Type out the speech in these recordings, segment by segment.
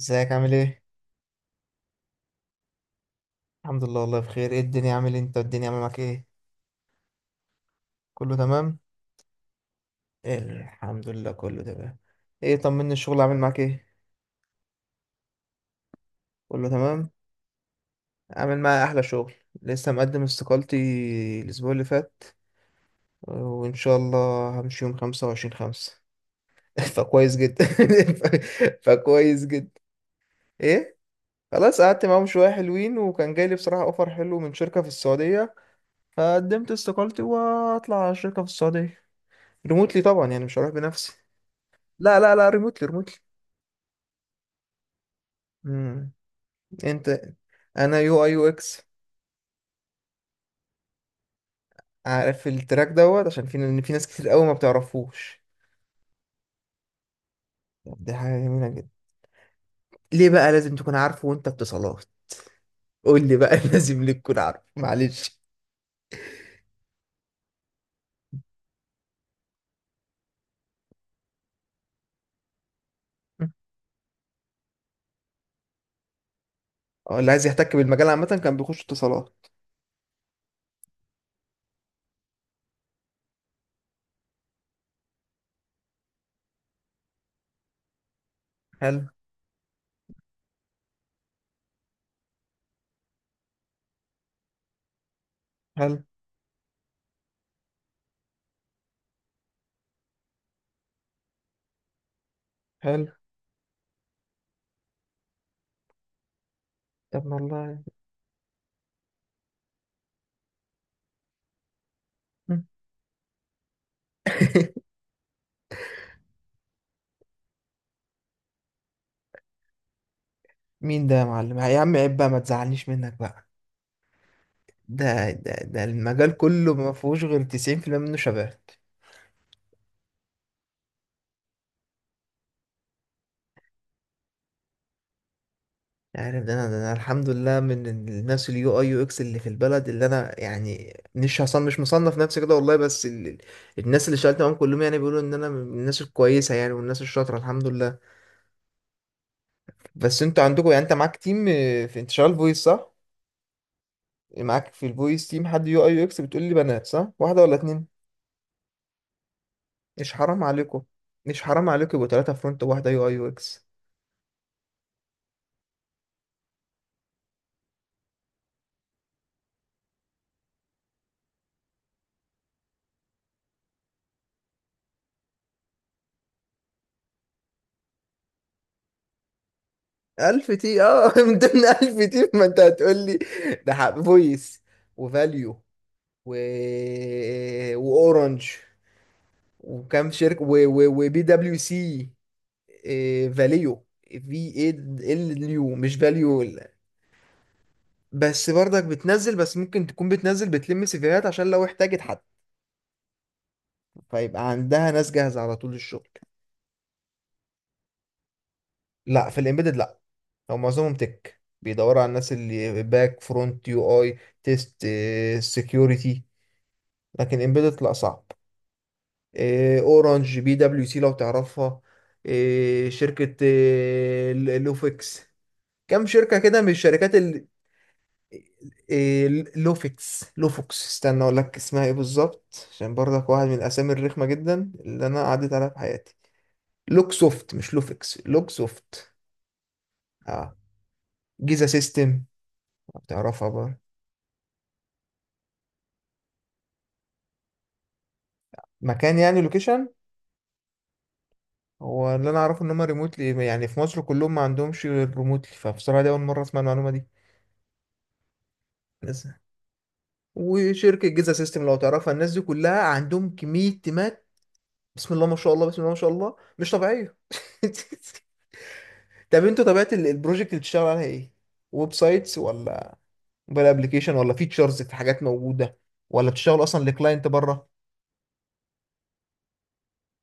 ازيك، عامل ايه؟ الحمد لله، والله بخير. ايه الدنيا عامل، انت الدنيا عامل معاك ايه؟ كله تمام؟ الحمد لله كله تمام. ايه طمني، الشغل عامل معاك ايه؟ كله تمام؟ عامل معايا احلى شغل. لسه مقدم استقالتي الاسبوع اللي فات، وان شاء الله همشي يوم 25/5. فكويس جدا. ف- فكويس جدا. ايه؟ خلاص، قعدت معاهم شوية حلوين وكان جاي لي بصراحة اوفر حلو من شركة في السعودية. فقدمت استقالتي واطلع على شركة في السعودية، ريموتلي طبعا، يعني مش هروح بنفسي. لا لا لا، ريموتلي ريموتلي. امم. انت. انا يو اي يو اكس. عارف التراك دوت؟ عشان في، ان في ناس كتير قوي ما بتعرفوش. طب دي حاجه جميله جدا. ليه بقى لازم تكون عارفه وانت اتصالات؟ قول لي بقى، لازم ليه تكون عارفه؟ معلش. اه، اللي عايز يحتك بالمجال عامه كان بيخش اتصالات. حلو. حلو. حلو. طب والله. مم. مين ده يا معلم؟ يا عم عيب بقى، ما تزعلنيش منك بقى. ده المجال كله ما فيهوش غير 90% منه شباب. عارف، ده انا الحمد لله من الناس اليو اي يو اكس اللي في البلد، اللي انا يعني مش مصنف نفسي كده والله، بس الناس اللي اشتغلت معاهم كلهم يعني بيقولوا ان انا من الناس الكويسه يعني، والناس الشاطره الحمد لله. بس انتوا عندكم، يعني انت معاك تيم، في، انت شغال فويس صح؟ معاك في الفويس تيم حد يو اي يو اكس؟ بتقول لي بنات صح؟ واحده ولا اتنين؟ مش حرام عليكم. مش حرام عليكم يبقوا 3 فرونت وواحده يو اي يو اكس. 1000 تي من ضمن 1000 تي، ما انت هتقول لي. ده حق فويس، وفاليو، و... واورنج، وكام شركه وبي دبليو سي. إيه، فاليو. في اي ال يو، مش فاليو بس برضك بتنزل، بس ممكن تكون بتنزل بتلم سيفيهات عشان لو احتاجت حد، فيبقى عندها ناس جاهزه على طول للشغل. لا في الامبيدد لا. هو معظمهم تك بيدوروا على الناس اللي باك، فرونت، يو اي، تيست، سكيورتي. لكن امبيدد لا صعب. إيه، اورنج، بي دبليو سي لو تعرفها. إيه، شركة إيه، لوفيكس. كم شركة كده من الشركات إيه، لوفوكس، استنى اقول لك اسمها ايه بالظبط، عشان برضك واحد من الاسامي الرخمة جدا اللي انا عديت عليها في حياتي. لوكسوفت، مش لوفيكس، لوكسوفت. اه. جيزا سيستم، تعرفها بقى. مكان يعني لوكيشن. هو اللي انا اعرفه ان هم ريموتلي، يعني في مصر كلهم ما عندهمش غير ريموتلي، فبصراحة دي اول مرة اسمع المعلومة دي. وشركه جيزا سيستم لو تعرفها، الناس دي كلها عندهم كميه تيمات. بسم الله ما شاء الله، بسم الله ما شاء الله، مش طبيعيه. طب انتوا، طبيعه البروجكت اللي بتشتغل عليها ايه؟ ويب سايتس، ولا موبايل ابلكيشن، ولا فيتشرز في حاجات موجوده، ولا بتشتغل اصلا لكلاينت بره؟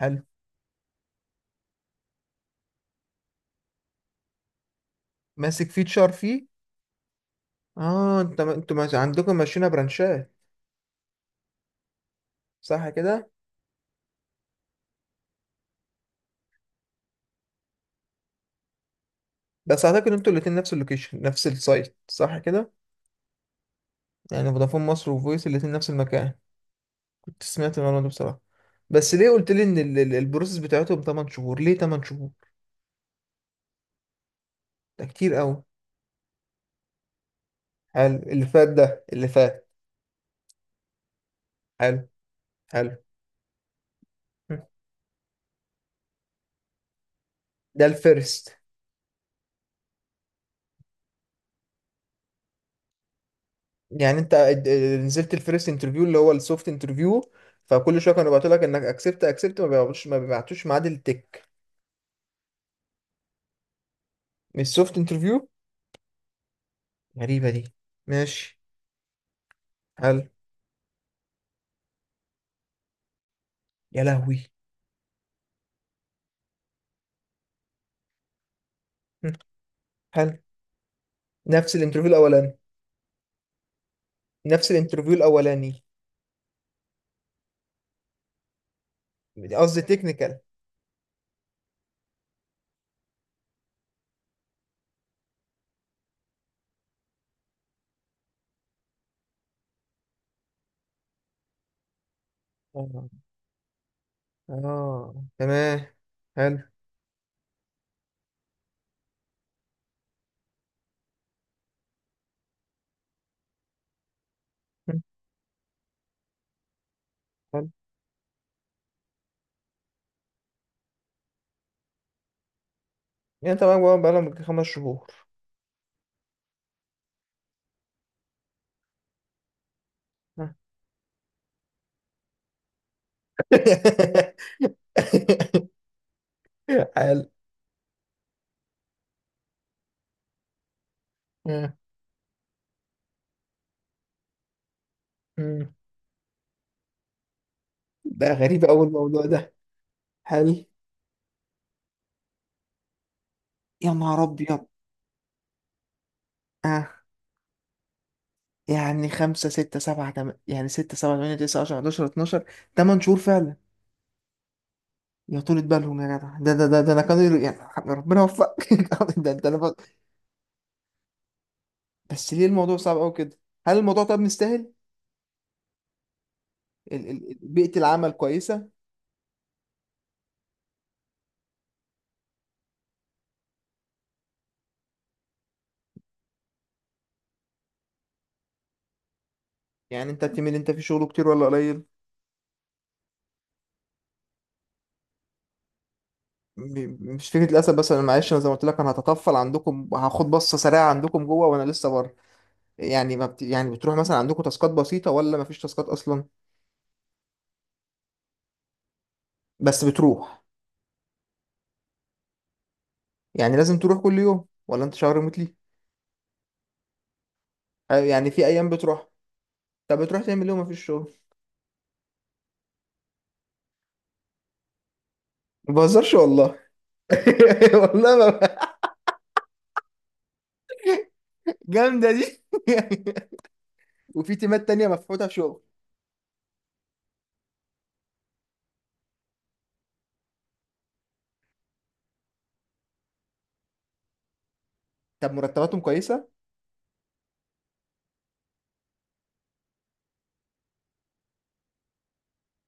هل ماسك فيتشر فيه؟ اه، انت، عندكم ماشيينها برانشات، صح كده؟ بس اعتقد انتوا الاتنين نفس اللوكيشن نفس السايت، صح كده؟ يعني فودافون مصر وفويس الاتنين نفس المكان. سمعت المعلومة دي بصراحة. بس ليه قلت لي ان البروسيس بتاعتهم 8 شهور؟ ليه 8 شهور؟ ده كتير قوي. حلو اللي فات، ده اللي فات. حلو. حلو. م. ده الفيرست. يعني انت نزلت الفيرست انترفيو اللي هو السوفت انترفيو، فكل شويه كانوا بيبعتوا لك انك اكسبت اكسبت، ما بيبعتوش ما بيبعتوش ميعاد التك، من السوفت انترفيو؟ غريبه دي. ماشي. حلو. يا لهوي. هم. حلو. نفس الانترفيو الاولاني؟ نفس الانترفيو الاولاني. قصدي تكنيكال. اه تمام. حلو. مم. حلو. يعني انت معاك بقى بقالهم يجي 5 شهور. آه. حلو. آه. مم. ده غريب أوي الموضوع ده. حلو. يا نهار أبيض. آه. يعني خمسة، ستة، سبعة، يعني ستة، سبعة، تمانية، تسعة، عشرة، حداشر، اتناشر، 8 شهور فعلا. يا طولة بالهم يا جدع، ده أنا يعني، ربنا يوفقك. ده أنا بقى. بس ليه الموضوع صعب أوي كده؟ هل الموضوع طب مستاهل؟ بيئة العمل كويسة؟ يعني انت التيم اللي انت فيه شغله كتير ولا قليل؟ مش فكره للاسف، بس انا معلش، انا زي ما قلت لك انا هتطفل عندكم، هاخد بصه سريعه عندكم جوه وانا لسه بره. يعني ما بت... يعني بتروح مثلا، عندكم تاسكات بسيطه ولا ما فيش تاسكات اصلا؟ بس بتروح؟ يعني لازم تروح كل يوم، ولا انت شهر متلي؟ اه، يعني في ايام بتروح. طب بتروح تعمل ايه وما فيش شغل؟ ما بهزرش والله. والله ما... جامده دي. وفي تيمات تانية مفحوطه في شغل. طب مرتباتهم كويسه؟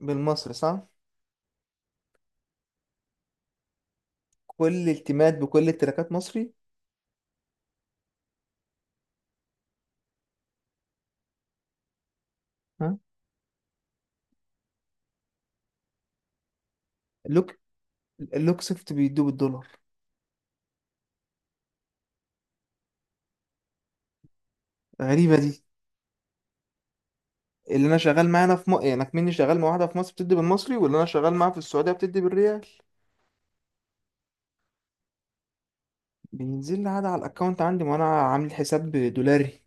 بالمصري صح؟ كل التيمات بكل التراكات مصري. ها. لوك اللوكسفت بيدوه بالدولار؟ غريبة دي. اللي انا شغال معاه انا يعني كمني شغال مع واحدة في مصر بتدي بالمصري، واللي انا شغال معاه في السعودية بتدي بالريال. بينزل لي عادي على الاكونت عندي، وانا عامل حساب دولاري،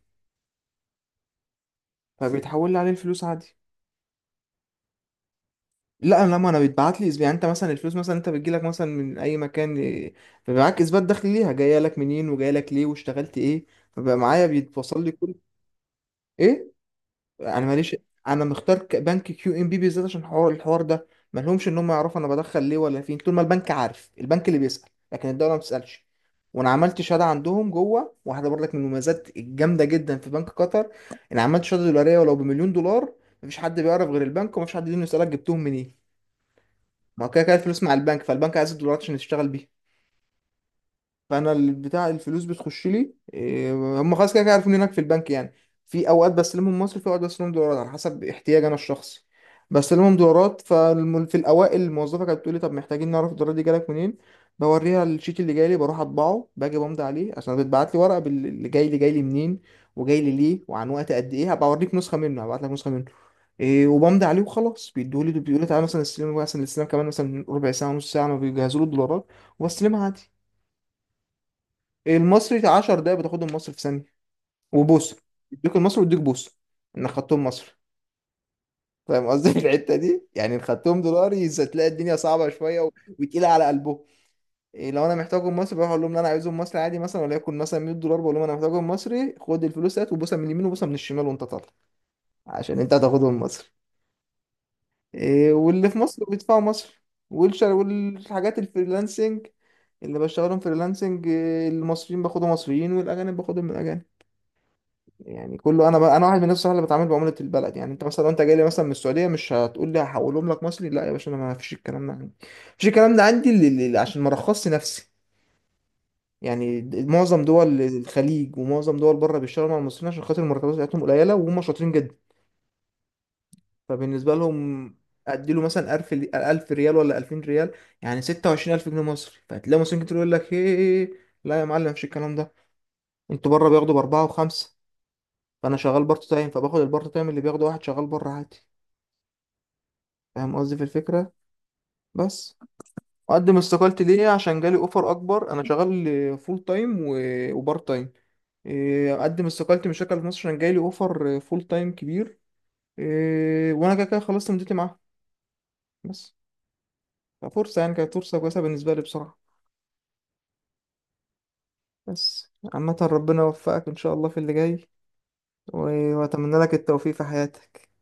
فبيتحول لي عليه الفلوس عادي. لا انا، لما انا بيتبعت لي يعني انت مثلا الفلوس مثلا انت بتجيلك مثلا من اي مكان، فبيبقى معاك اثبات دخل ليها، جايه لك منين وجايه لك ليه واشتغلت ايه. فبقى معايا بيتوصل لي كل. ايه. انا ماليش. انا مختار بنك كيو ام بي بالذات، عشان الحوار ده. ما لهمش ان هم يعرفوا انا بدخل ليه ولا فين، طول ما البنك عارف. البنك اللي بيسأل، لكن الدولة ما بتسألش. وانا عملت شهاده عندهم جوه، واحده برضك من المميزات الجامده جدا في بنك قطر، انا عملت شهاده دولاريه، ولو بمليون دولار مفيش حد بيعرف غير البنك، ومفيش حد ليه يسألك جبتهم منين. ما هو كده كده الفلوس مع البنك، فالبنك عايز الدولارات عشان يشتغل بيها، فانا بتاع الفلوس بتخش لي، هم خلاص كده كده عارفين هناك في البنك يعني. في اوقات بستلمهم مصري، في اوقات بستلمهم دولارات على حسب احتياج انا الشخصي. بستلمهم دولارات، ففي الاوائل الموظفه كانت بتقولي طب محتاجين نعرف الدولارات دي جالك منين. بوريها الشيت اللي جاي لي، بروح اطبعه، باجي بمضي عليه عشان بتبعت لي ورقه اللي جاي لي منين وجاي لي ليه وعن وقت قد ايه، هبقى اوريك نسخه منه، هبعت لك نسخه منه. وبمضي عليه وخلاص، بيدوه لي بيقولوا لي تعالى مثلا استلم، مثلا الاستلام كمان مثلا ربع ساعه نص ساعه ما بيجهزوا له الدولارات، وبستلمها عادي. المصري 10 دقايق بتاخدهم مصر في ثانيه، وبوسه. يديك المصري ويديك بوسه انك خدتهم مصر. فاهم قصدي؟ في الحته دي يعني، إن خدتهم دولاري هتلاقي الدنيا صعبه شويه وتقيله على قلبه. لو انا محتاجهم مصري، بروح اقول لهم لا انا عايزهم مصري عادي، مثلا وليكن مثلا 100 دولار، بقول لهم انا محتاجهم مصري، خد الفلوس، هات، وبوسه من اليمين وبوسه من الشمال وانت طالع، عشان انت هتاخدهم مصري. واللي في مصر بيدفعوا مصري والشر والحاجات الفريلانسنج، اللي بشتغلهم فريلانسنج، المصريين باخدهم مصريين والاجانب باخدهم من الاجانب. يعني كله، انا بقى انا واحد من الناس اللي بتعامل بعمله البلد، يعني انت مثلا لو انت جاي لي مثلا من السعوديه، مش هتقول لي هحولهم لك مصري. لا يا باشا، انا ما فيش الكلام ده عندي، مفيش الكلام ده عندي، عشان ما رخصش نفسي. يعني معظم دول الخليج ومعظم دول بره بيشتغلوا مع المصريين عشان خاطر المرتبات بتاعتهم قليله، وهم شاطرين جدا. فبالنسبه لهم، اديله مثلا 1000، 1000 ريال ولا 2000 ريال، يعني 26,000 جنيه مصري، فهتلاقي مصريين كتير يقول لك ايه، لا يا معلم، مفيش الكلام ده. انتوا بره بياخدوا باربعه وخمسه. فانا شغال بارت تايم، فباخد البارت تايم اللي بياخده واحد شغال بره عادي. فاهم قصدي في الفكرة؟ بس. أقدم استقالتي ليه؟ عشان جالي أوفر أكبر، أنا شغال فول تايم و- وبارت تايم. أقدم استقالتي من الشركة اللي في مصر عشان جالي أوفر فول تايم كبير. وأنا كده كده خلصت مدتي معاه بس، ففرصة يعني، كانت فرصة كويسة بالنسبة لي بصراحة. بس عامة ربنا يوفقك إن شاء الله في اللي جاي، و- وأتمنى لك التوفيق في حياتك.